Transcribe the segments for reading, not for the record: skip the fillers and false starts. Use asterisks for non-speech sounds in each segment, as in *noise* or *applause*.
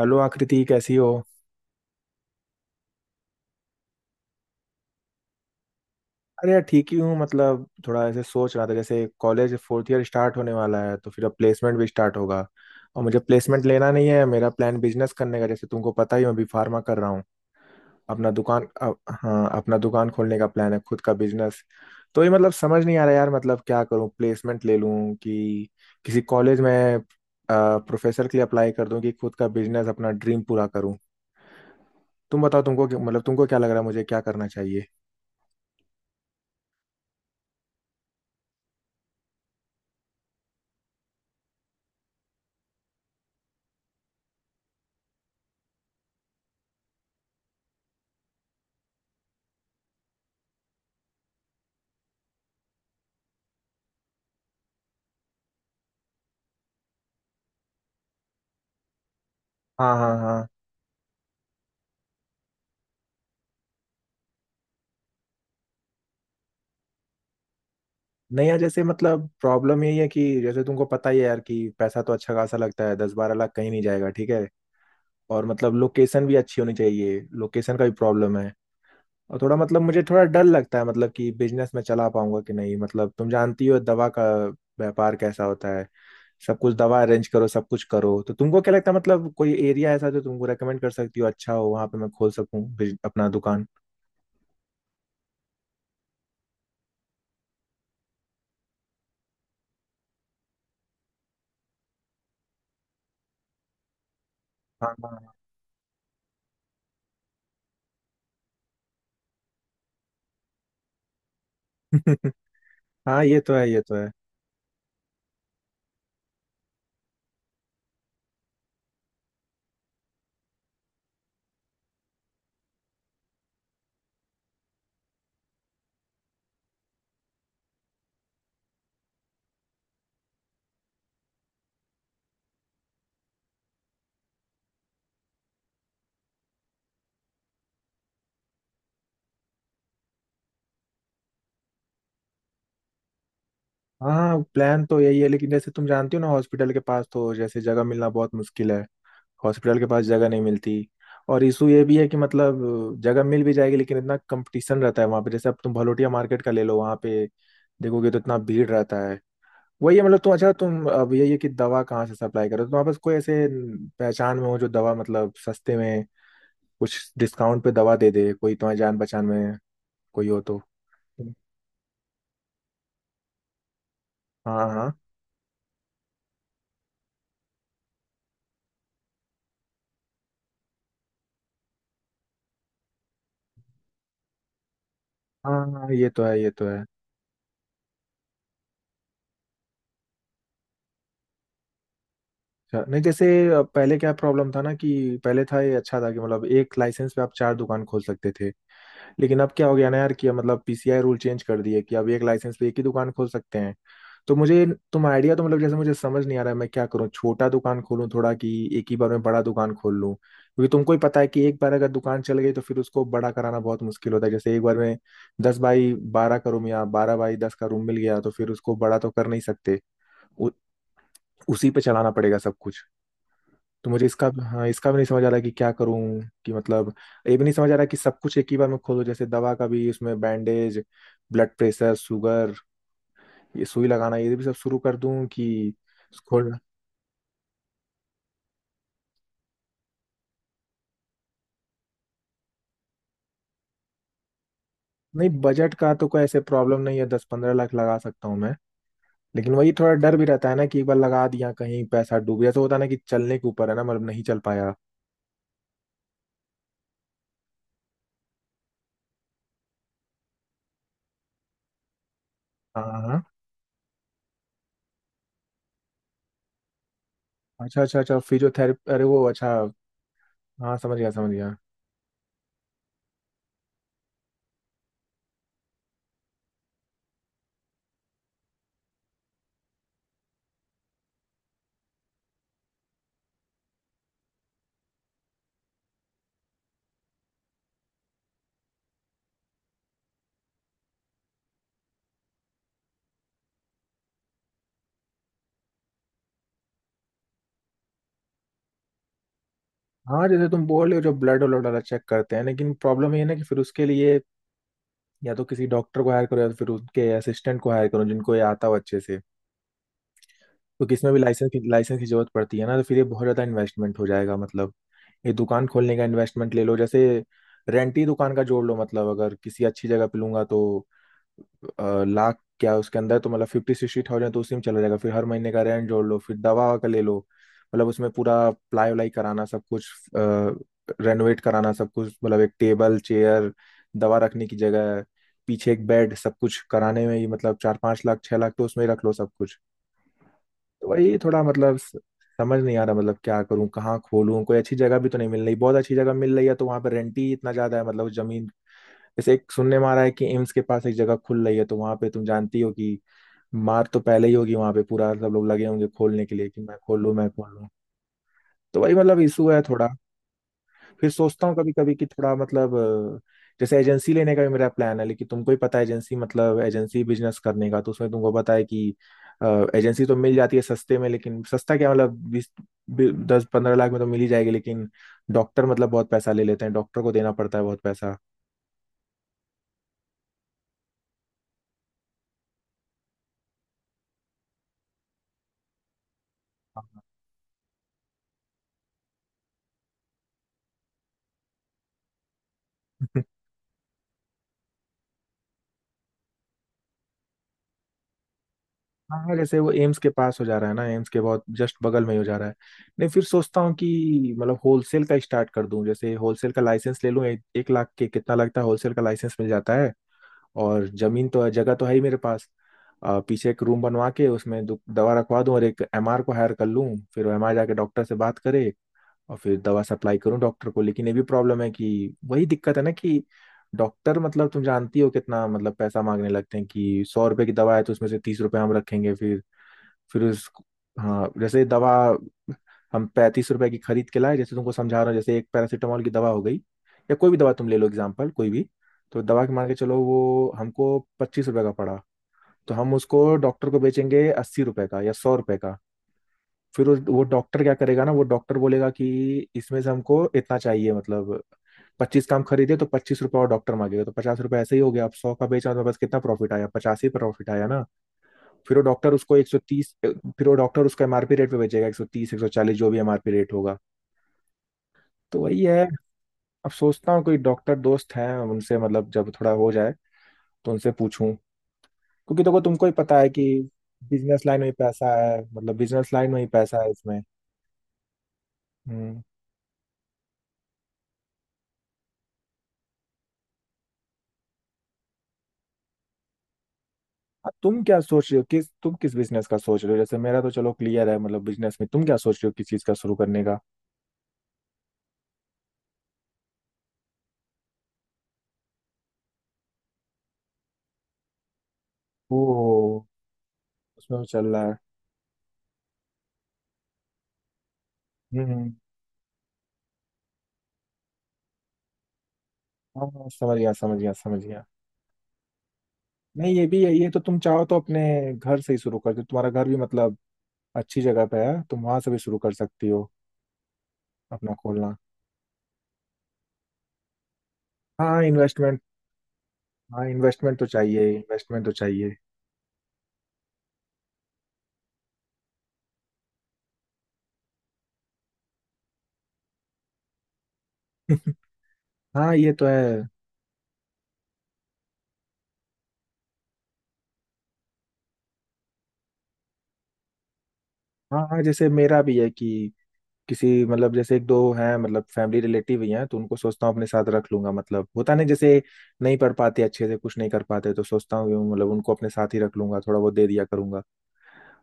Hello Akriti कैसी हो। अरे यार ठीक ही हूँ। थोड़ा ऐसे सोच रहा था जैसे कॉलेज फोर्थ ईयर स्टार्ट होने वाला है, तो फिर अब प्लेसमेंट भी स्टार्ट होगा। और मुझे प्लेसमेंट लेना नहीं है, मेरा प्लान बिजनेस करने का, जैसे तुमको पता ही, मैं अभी फार्मा कर रहा हूँ। हाँ, अपना दुकान खोलने का प्लान है, खुद का बिजनेस। तो ये समझ नहीं आ रहा यार, क्या करूँ, प्लेसमेंट ले लूँ कि किसी कॉलेज में प्रोफेसर के लिए अप्लाई कर दूँ कि खुद का बिजनेस, अपना ड्रीम पूरा करूँ। तुम बताओ, तुमको क्या- मतलब तुमको क्या लग रहा है, मुझे क्या करना चाहिए? हाँ हाँ हाँ। नहीं यार, जैसे प्रॉब्लम यही है कि जैसे तुमको पता ही है यार, कि पैसा तो अच्छा खासा लगता है, 10-12 लाख कहीं नहीं जाएगा, ठीक है। और लोकेशन भी अच्छी होनी चाहिए, लोकेशन का भी प्रॉब्लम है। और थोड़ा मुझे थोड़ा डर लगता है कि बिजनेस में चला पाऊंगा कि नहीं। तुम जानती हो दवा का व्यापार कैसा होता है, सब कुछ दवा अरेंज करो, सब कुछ करो। तो तुमको क्या लगता है, कोई एरिया ऐसा जो तुमको रेकमेंड कर सकती हो, अच्छा हो, वहां पे मैं खोल सकूं अपना दुकान? हाँ हाँ। *laughs* हाँ हाँ, ये तो है ये तो है। हाँ, प्लान तो यही है, लेकिन जैसे तुम जानती हो ना, हॉस्पिटल के पास तो जैसे जगह मिलना बहुत मुश्किल है। हॉस्पिटल के पास जगह नहीं मिलती। और इशू ये भी है कि जगह मिल भी जाएगी, लेकिन इतना कंपटीशन रहता है वहाँ पे। जैसे अब तुम भलोटिया मार्केट का ले लो, वहाँ पे देखोगे तो इतना भीड़ रहता है। वही है, मतलब तुम अच्छा तुम अब यही है कि दवा कहाँ से सप्लाई करो। तुम्हारे पास कोई ऐसे पहचान में हो जो दवा सस्ते में, कुछ डिस्काउंट पे दवा दे दे, कोई तुम्हारी जान पहचान में कोई हो तो? हाँ हाँ हाँ हाँ, ये तो है ये तो है। अच्छा, नहीं जैसे, पहले क्या प्रॉब्लम था ना, कि पहले था, ये अच्छा था कि एक लाइसेंस पे आप चार दुकान खोल सकते थे। लेकिन अब क्या हो गया ना यार कि पीसीआई रूल चेंज कर दिए कि अब एक लाइसेंस पे एक ही दुकान खोल सकते हैं। तो मुझे तुम आइडिया तो मतलब जैसे मुझे समझ नहीं आ रहा है, मैं क्या करूँ, छोटा दुकान खोलूँ थोड़ा, कि एक ही बार में बड़ा दुकान खोल लूँ? क्योंकि तुमको ही पता है कि एक बार अगर दुकान चल गई तो फिर उसको बड़ा कराना बहुत मुश्किल होता है। जैसे एक बार में 10 बाई 12 का रूम या 12 बाई 10 का रूम मिल गया तो फिर उसको बड़ा तो कर नहीं सकते, उ, उसी पे चलाना पड़ेगा सब कुछ। तो मुझे इसका, हाँ, इसका भी नहीं समझ आ रहा कि क्या करूं, कि मतलब ये भी नहीं समझ आ रहा कि सब कुछ एक ही बार में खोलो, जैसे दवा का भी, उसमें बैंडेज, ब्लड प्रेशर, शुगर, ये सुई लगाना, ये भी सब शुरू कर दूं कि खोल नहीं? बजट का तो कोई ऐसे प्रॉब्लम नहीं है, 10-15 लाख लगा सकता हूँ मैं। लेकिन वही थोड़ा डर भी रहता है ना, कि एक बार लगा दिया, कहीं पैसा डूब गया तो? होता है ना कि चलने के ऊपर है ना, नहीं चल पाया। हाँ हाँ हाँ, अच्छा अच्छा अच्छा, फिजियोथेरेपी, अरे वो, अच्छा। हाँ, समझ गया समझ गया। हाँ, जैसे तुम बोल रहे हो, जो ब्लड व्लड वाला चेक करते हैं, लेकिन प्रॉब्लम ये है ना कि फिर उसके लिए या तो किसी डॉक्टर को हायर करो, या तो फिर उनके असिस्टेंट को हायर करो जिनको ये आता हो अच्छे से। तो किसमें भी लाइसेंस की जरूरत पड़ती है ना, तो फिर ये बहुत ज़्यादा इन्वेस्टमेंट हो जाएगा। ये दुकान खोलने का इन्वेस्टमेंट ले लो, जैसे रेंट ही दुकान का जोड़ लो, अगर किसी अच्छी जगह पे लूंगा तो लाख क्या, उसके अंदर तो 50-60 हज़ार तो उसी में चला जाएगा। फिर हर महीने का रेंट जोड़ लो, फिर दवा ववा का ले लो, उसमें पूरा प्लाई व्लाई कराना, सब कुछ रेनोवेट कराना, सब कुछ, एक टेबल चेयर, दवा रखने की जगह, पीछे एक बेड, सब कुछ कराने में ही 4-5 लाख, 6 लाख तो उसमें ही रख लो सब कुछ। तो वही थोड़ा समझ नहीं आ रहा क्या करूं, कहाँ खोलूं। कोई अच्छी जगह भी तो नहीं मिल रही, बहुत अच्छी जगह मिल रही है तो वहां पर रेंट ही इतना ज्यादा है, उस जमीन, जैसे एक सुनने में आ रहा है कि एम्स के पास एक जगह खुल रही है, तो वहां पे तुम जानती हो कि मार तो पहले ही होगी वहां पे, पूरा सब लोग लगे होंगे खोलने के लिए कि मैं खोल लूं मैं खोल लूं। तो वही, इशू है थोड़ा। फिर सोचता हूँ कभी कभी कि थोड़ा जैसे एजेंसी लेने का भी मेरा प्लान है, लेकिन तुमको ही पता है एजेंसी, एजेंसी बिजनेस करने का, तो उसमें तुमको पता है कि एजेंसी तो मिल जाती है सस्ते में, लेकिन सस्ता क्या, 10-15 लाख में तो मिल ही जाएगी, लेकिन डॉक्टर बहुत पैसा ले लेते हैं, डॉक्टर को देना पड़ता है बहुत पैसा। हाँ, जैसे वो एम्स के पास हो जा रहा है ना, एम्स के बहुत जस्ट बगल में ही हो जा रहा है। नहीं, फिर सोचता हूँ कि होलसेल का स्टार्ट कर दूं, जैसे होलसेल का लाइसेंस ले लूं। एक लाख के, कितना लगता है, होलसेल का लाइसेंस मिल जाता है। और जमीन तो, जगह तो है ही मेरे पास, पीछे एक रूम बनवा के उसमें दवा रखवा दूं, और एक एमआर को हायर कर लूं, फिर एमआर जाके डॉक्टर से बात करे, और फिर दवा सप्लाई करूं डॉक्टर को। लेकिन ये भी प्रॉब्लम है कि वही दिक्कत है ना कि डॉक्टर, तुम जानती हो कितना पैसा मांगने लगते हैं, कि 100 रुपए की दवा है तो उसमें से 30 रुपए हम रखेंगे, फिर उस हाँ, जैसे दवा हम 35 रुपए की खरीद के लाए, जैसे तुमको समझा रहा हूँ, जैसे एक पैरासीटामोल की दवा हो गई या कोई भी दवा तुम ले लो, एग्जाम्पल कोई भी। तो दवा के, मान के चलो वो हमको 25 रुपए का पड़ा, तो हम उसको डॉक्टर को बेचेंगे 80 रुपए का या 100 रुपए का। फिर वो डॉक्टर क्या करेगा ना, वो डॉक्टर बोलेगा कि इसमें से हमको इतना चाहिए, पच्चीस का हम खरीदे तो 25 रुपए, और डॉक्टर मांगेगा तो 50 रुपए, ऐसे ही हो गया। अब सौ का बेचा तो बस कितना प्रॉफिट आया, पचास ही प्रॉफिट आया ना। फिर वो डॉक्टर उसका एमआरपी रेट पे बेचेगा, 130 140 जो भी एमआरपी रेट होगा। तो वही है। अब सोचता हूँ कोई डॉक्टर दोस्त हैं उनसे, जब थोड़ा हो जाए तो उनसे पूछूं, क्योंकि देखो तुमको ही पता है कि बिजनेस लाइन में ही पैसा है, बिजनेस लाइन में ही पैसा है इसमें। हम्म। अब तुम क्या सोच रहे हो, किस तुम किस बिजनेस का सोच रहे हो? जैसे मेरा तो चलो क्लियर है, बिजनेस में तुम क्या सोच रहे हो, किस चीज का शुरू करने का? ओ, उसमें भी चल रहा है? हम्म हम्म। हाँ, समझ गया समझ गया समझ गया। नहीं, ये भी है, ये तो तुम चाहो तो अपने घर से ही शुरू कर दो, तुम्हारा घर भी अच्छी जगह पे है, तुम वहां से भी शुरू कर सकती हो, अपना खोलना। हाँ, इन्वेस्टमेंट, हाँ, इन्वेस्टमेंट तो चाहिए, इन्वेस्टमेंट तो चाहिए। *laughs* हाँ, ये तो है। हाँ हाँ, जैसे मेरा भी है कि किसी जैसे एक दो हैं, फैमिली रिलेटिव ही हैं, तो उनको सोचता हूँ अपने साथ रख लूंगा। होता नहीं जैसे, नहीं पढ़ पाते अच्छे से, कुछ नहीं कर पाते, तो सोचता हूँ कि उनको अपने साथ ही रख लूंगा, थोड़ा बहुत दे दिया करूंगा।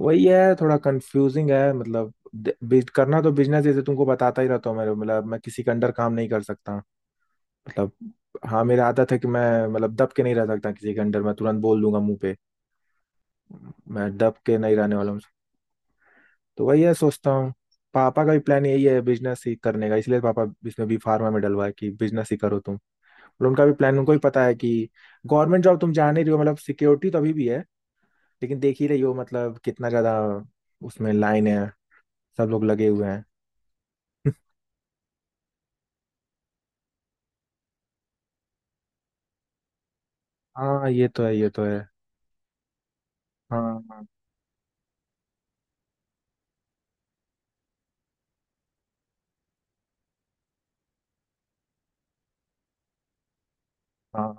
वही है, थोड़ा कंफ्यूजिंग है, करना तो बिजनेस, जैसे तुमको बताता ही रहता हूँ, मेरे मैं किसी के अंडर काम नहीं कर सकता, मतलब हाँ, मेरी आदत है कि मैं दब के नहीं रह सकता किसी के अंडर, मैं तुरंत बोल दूंगा मुंह पे। मैं दब के नहीं रहने वाला हूँ। तो वही है सोचता हूँ। पापा का भी प्लान यही है बिजनेस ही करने का, इसलिए पापा इसमें भी फार्मा में डलवा है कि बिजनेस ही करो तुम। और उनका भी प्लान, उनको भी पता है कि गवर्नमेंट जॉब, तुम जान ही रही हो, सिक्योरिटी तो अभी भी है, लेकिन देख ही रही हो कितना ज्यादा उसमें लाइन है, सब लोग लगे हुए हैं। हाँ ये तो है ये तो है। हाँ हाँ हाँ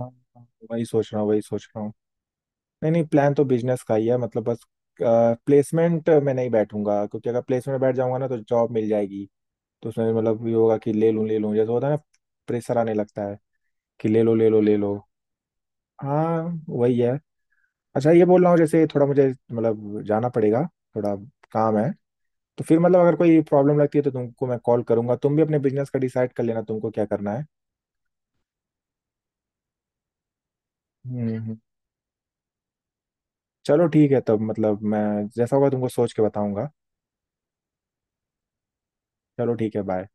हाँ, हाँ, वही सोच रहा हूँ वही सोच रहा हूँ। नहीं नहीं, प्लान तो बिजनेस का ही है, बस प्लेसमेंट में नहीं बैठूंगा, क्योंकि अगर प्लेसमेंट में बैठ जाऊंगा ना तो जॉब मिल जाएगी, तो उसमें ये होगा कि ले लूं ले लूं, जैसे होता है ना, प्रेशर आने लगता है कि ले लो ले लो ले लो। हाँ वही है। अच्छा, ये बोल रहा हूँ जैसे थोड़ा मुझे जाना पड़ेगा, थोड़ा काम है। तो फिर अगर कोई प्रॉब्लम लगती है तो तुमको मैं कॉल करूंगा, तुम भी अपने बिजनेस का डिसाइड कर लेना तुमको क्या करना है। हम्म। चलो ठीक है, तब मैं जैसा होगा तुमको सोच के बताऊंगा। चलो ठीक है, बाय।